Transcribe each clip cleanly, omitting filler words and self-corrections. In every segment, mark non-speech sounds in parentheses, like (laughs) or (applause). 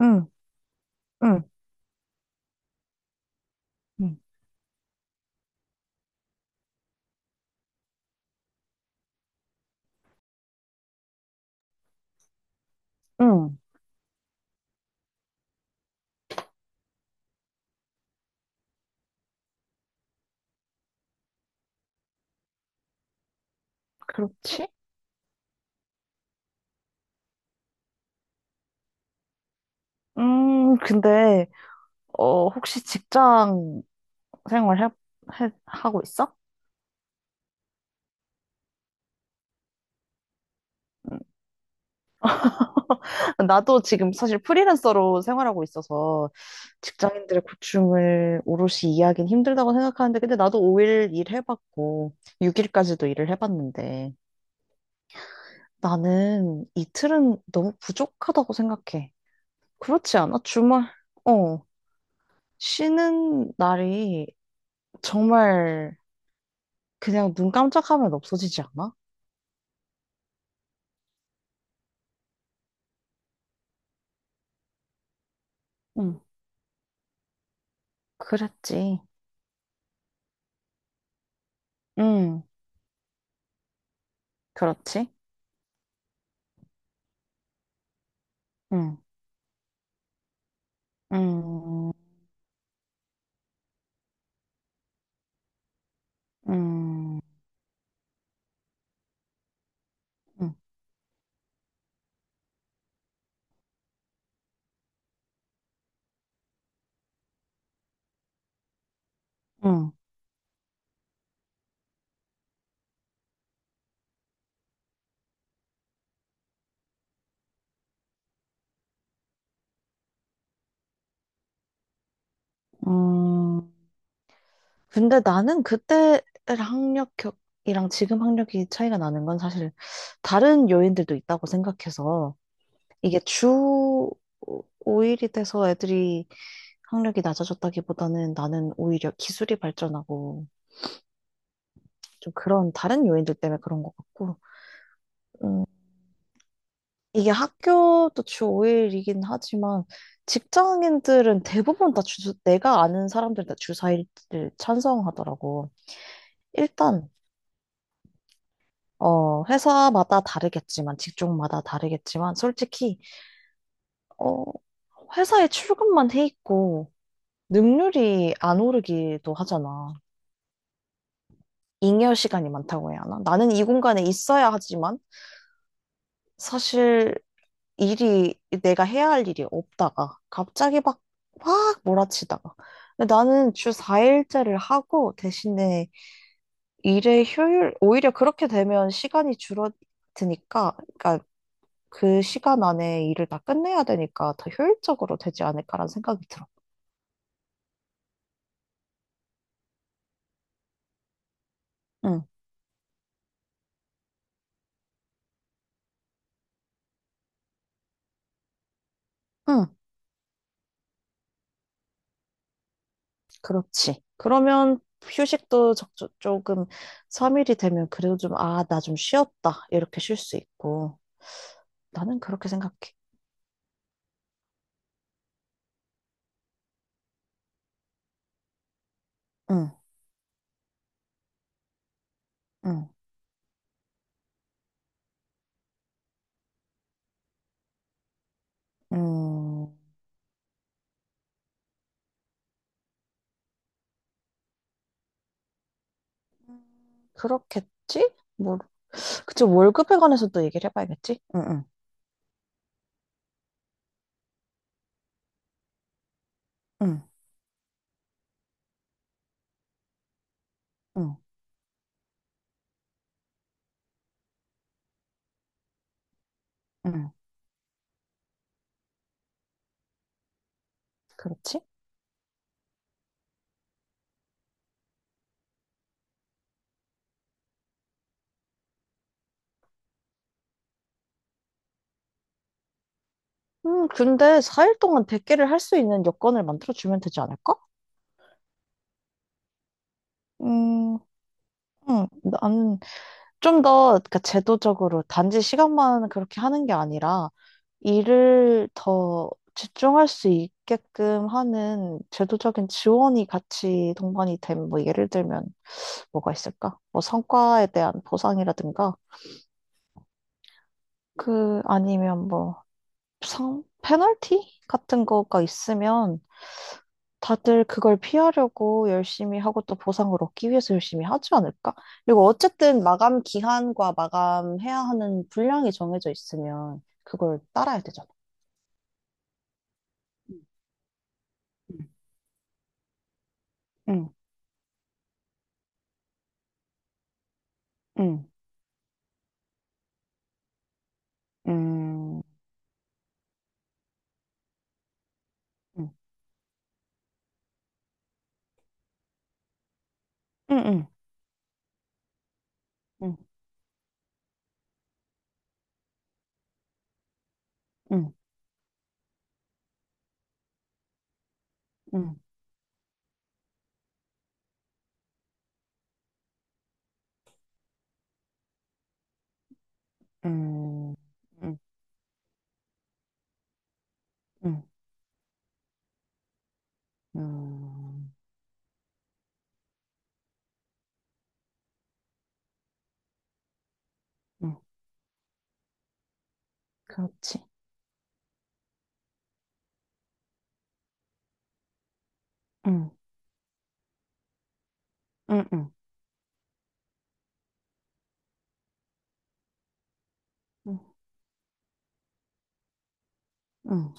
응, 응, 응, 응, 그렇지? 근데, 어, 혹시 직장 생활 하고 있어? 음. 나도 지금 사실 프리랜서로 생활하고 있어서 직장인들의 고충을 오롯이 이해하긴 힘들다고 생각하는데, 근데 나도 5일 일해봤고, 6일까지도 일을 해봤는데, 나는 이틀은 너무 부족하다고 생각해. 그렇지 않아? 주말, 어, 쉬는 날이 정말 그냥 눈 깜짝하면 없어지지 않아? 응, 그랬지. 응, 그렇지? 응, 응, 응, 응, 응. 음. 근데 나는 그때 학력이랑 지금 학력이 차이가 나는 건 사실 다른 요인들도 있다고 생각해서 이게 주 5일이 돼서 애들이 학력이 낮아졌다기보다는 나는 오히려 기술이 발전하고 좀 그런 다른 요인들 때문에 그런 것 같고, 이게 학교도 주 5일이긴 하지만 직장인들은 대부분 다 주, 내가 아는 사람들은 다주 4일을 찬성하더라고. 일단, 어, 회사마다 다르겠지만, 직종마다 다르겠지만, 솔직히, 어, 회사에 출근만 해 있고, 능률이 안 오르기도 하잖아. 잉여 시간이 많다고 해야 하나? 나는 이 공간에 있어야 하지만, 사실 일이, 내가 해야 할 일이 없다가 갑자기 막, 확 몰아치다가, 근데 나는 주 4일째를 하고, 대신에 일의 효율 오히려 그렇게 되면 시간이 줄어드니까, 그러니까 그 시간 안에 일을 다 끝내야 되니까 더 효율적으로 되지 않을까라는 생각이 들어. 응, 응, 그렇지. 그러면 휴식도 조금 3일이 되면 그래도 좀, 아, 나 좀 쉬었다, 이렇게 쉴 수 있고. 나는 그렇게 생각해. 응, 응. 음, 그렇겠지? 뭐, 그치, 월급에 관해서도 얘기를 해봐야겠지? 응, 응, 응, 응, 응, 그렇지? 근데 4일 동안 대개를 할 수 있는 여건을 만들어주면 되지 않을까? 음, 음, 나는 좀 더, 그러니까 제도적으로 단지 시간만 그렇게 하는 게 아니라 일을 더 집중할 수 있게끔 하는 제도적인 지원이 같이 동반이 되면, 뭐, 예를 들면, 뭐가 있을까? 뭐 성과에 대한 보상이라든가, 그 아니면 뭐 상, 페널티 같은 거가 있으면 다들 그걸 피하려고 열심히 하고 또 보상을 얻기 위해서 열심히 하지 않을까? 그리고 어쨌든 마감 기한과 마감해야 하는 분량이 정해져 있으면 그걸 따라야 되잖아. 응, 응, 음, 응, 응, 응, 응, 응, 응, 응, 응, 응, 응, 응, 그렇지. 응. 그렇지. 응, 응, 응, 응.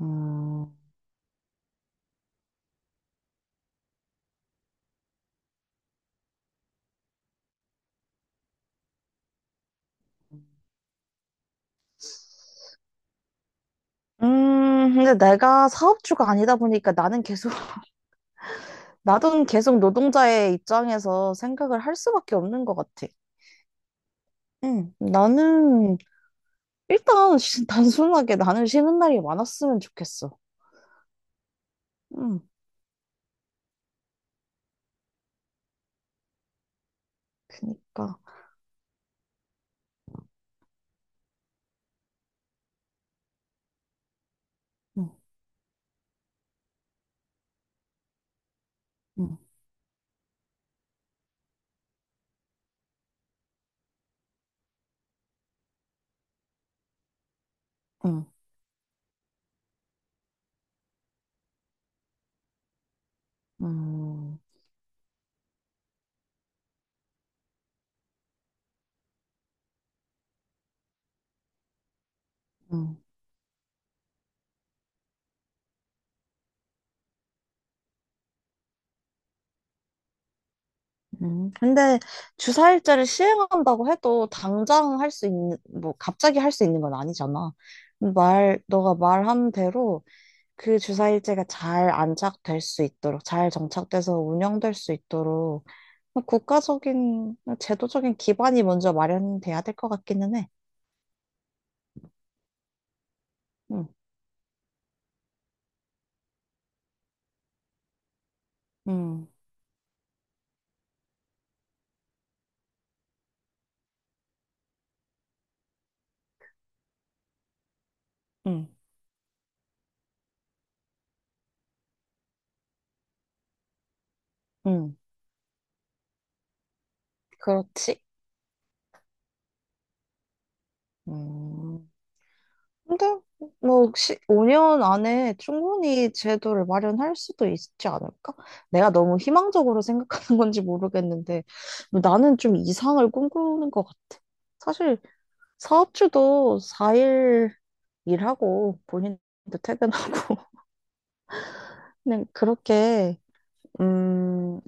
음, 근데 내가 사업주가 아니다 보니까 나는 계속, (laughs) 나도 계속 노동자의 입장에서 생각을 할 수밖에 없는 것 같아. 응, 나는, 일단, (laughs) 단순하게 나는 쉬는 날이 많았으면 좋겠어. 응, 그니까. 응, 응, 응, 응, 응. 응. 근데 주사일제를 시행한다고 해도 당장 할 수 있는, 뭐, 갑자기 할 수 있는 건 아니잖아. 말, 너가 말한 대로 그 주사일제가 잘 안착될 수 있도록, 잘 정착돼서 운영될 수 있도록 뭐 국가적인, 제도적인 기반이 먼저 마련돼야 될 것 같기는 해. 응, 응, 응, 응, 그렇지. 음. 근데 뭐 혹시 5년 안에 충분히 제도를 마련할 수도 있지 않을까? 내가 너무 희망적으로 생각하는 건지 모르겠는데, 뭐 나는 좀 이상을 꿈꾸는 것 같아. 사실 사업주도 4일 일하고 본인도 퇴근하고 (laughs) 그냥 그렇게, 음,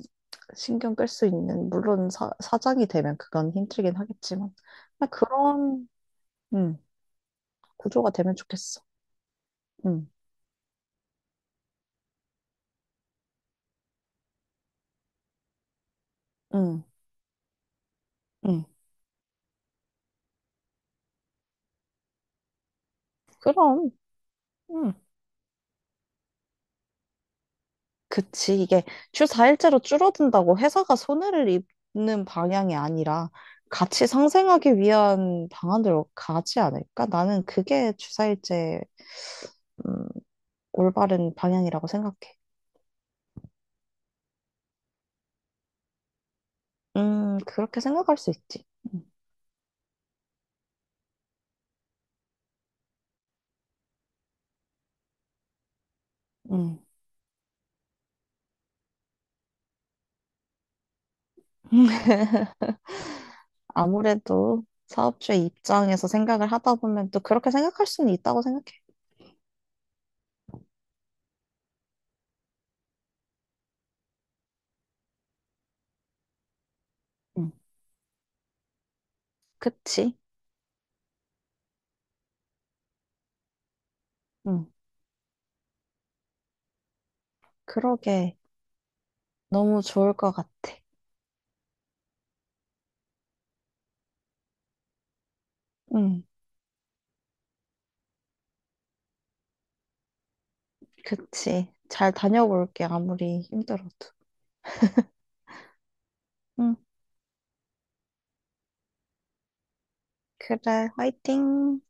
신경 끌 수 있는, 물론 사, 사장이 되면 그건 힘들긴 하겠지만, 그냥 그런, 음, 구조가 되면 좋겠어. 음, 음, 음. 그럼 음. 그치, 이게 주사일제로 줄어든다고 회사가 손해를 입는 방향이 아니라 같이 상생하기 위한 방안으로 가지 않을까? 나는 그게 주사일제 음, 올바른 방향이라고 생각해. 그렇게 생각할 수 있지. 음. 음. (laughs) 아무래도 사업주의 입장에서 생각을 하다 보면 또 그렇게 생각할 수는 있다고 생각해. 음. 그치? 음. 그러게. 너무 좋을 것 같아. 음. 그치. 잘 다녀볼게, 아무리 힘들어도. 음. 그래, 화이팅!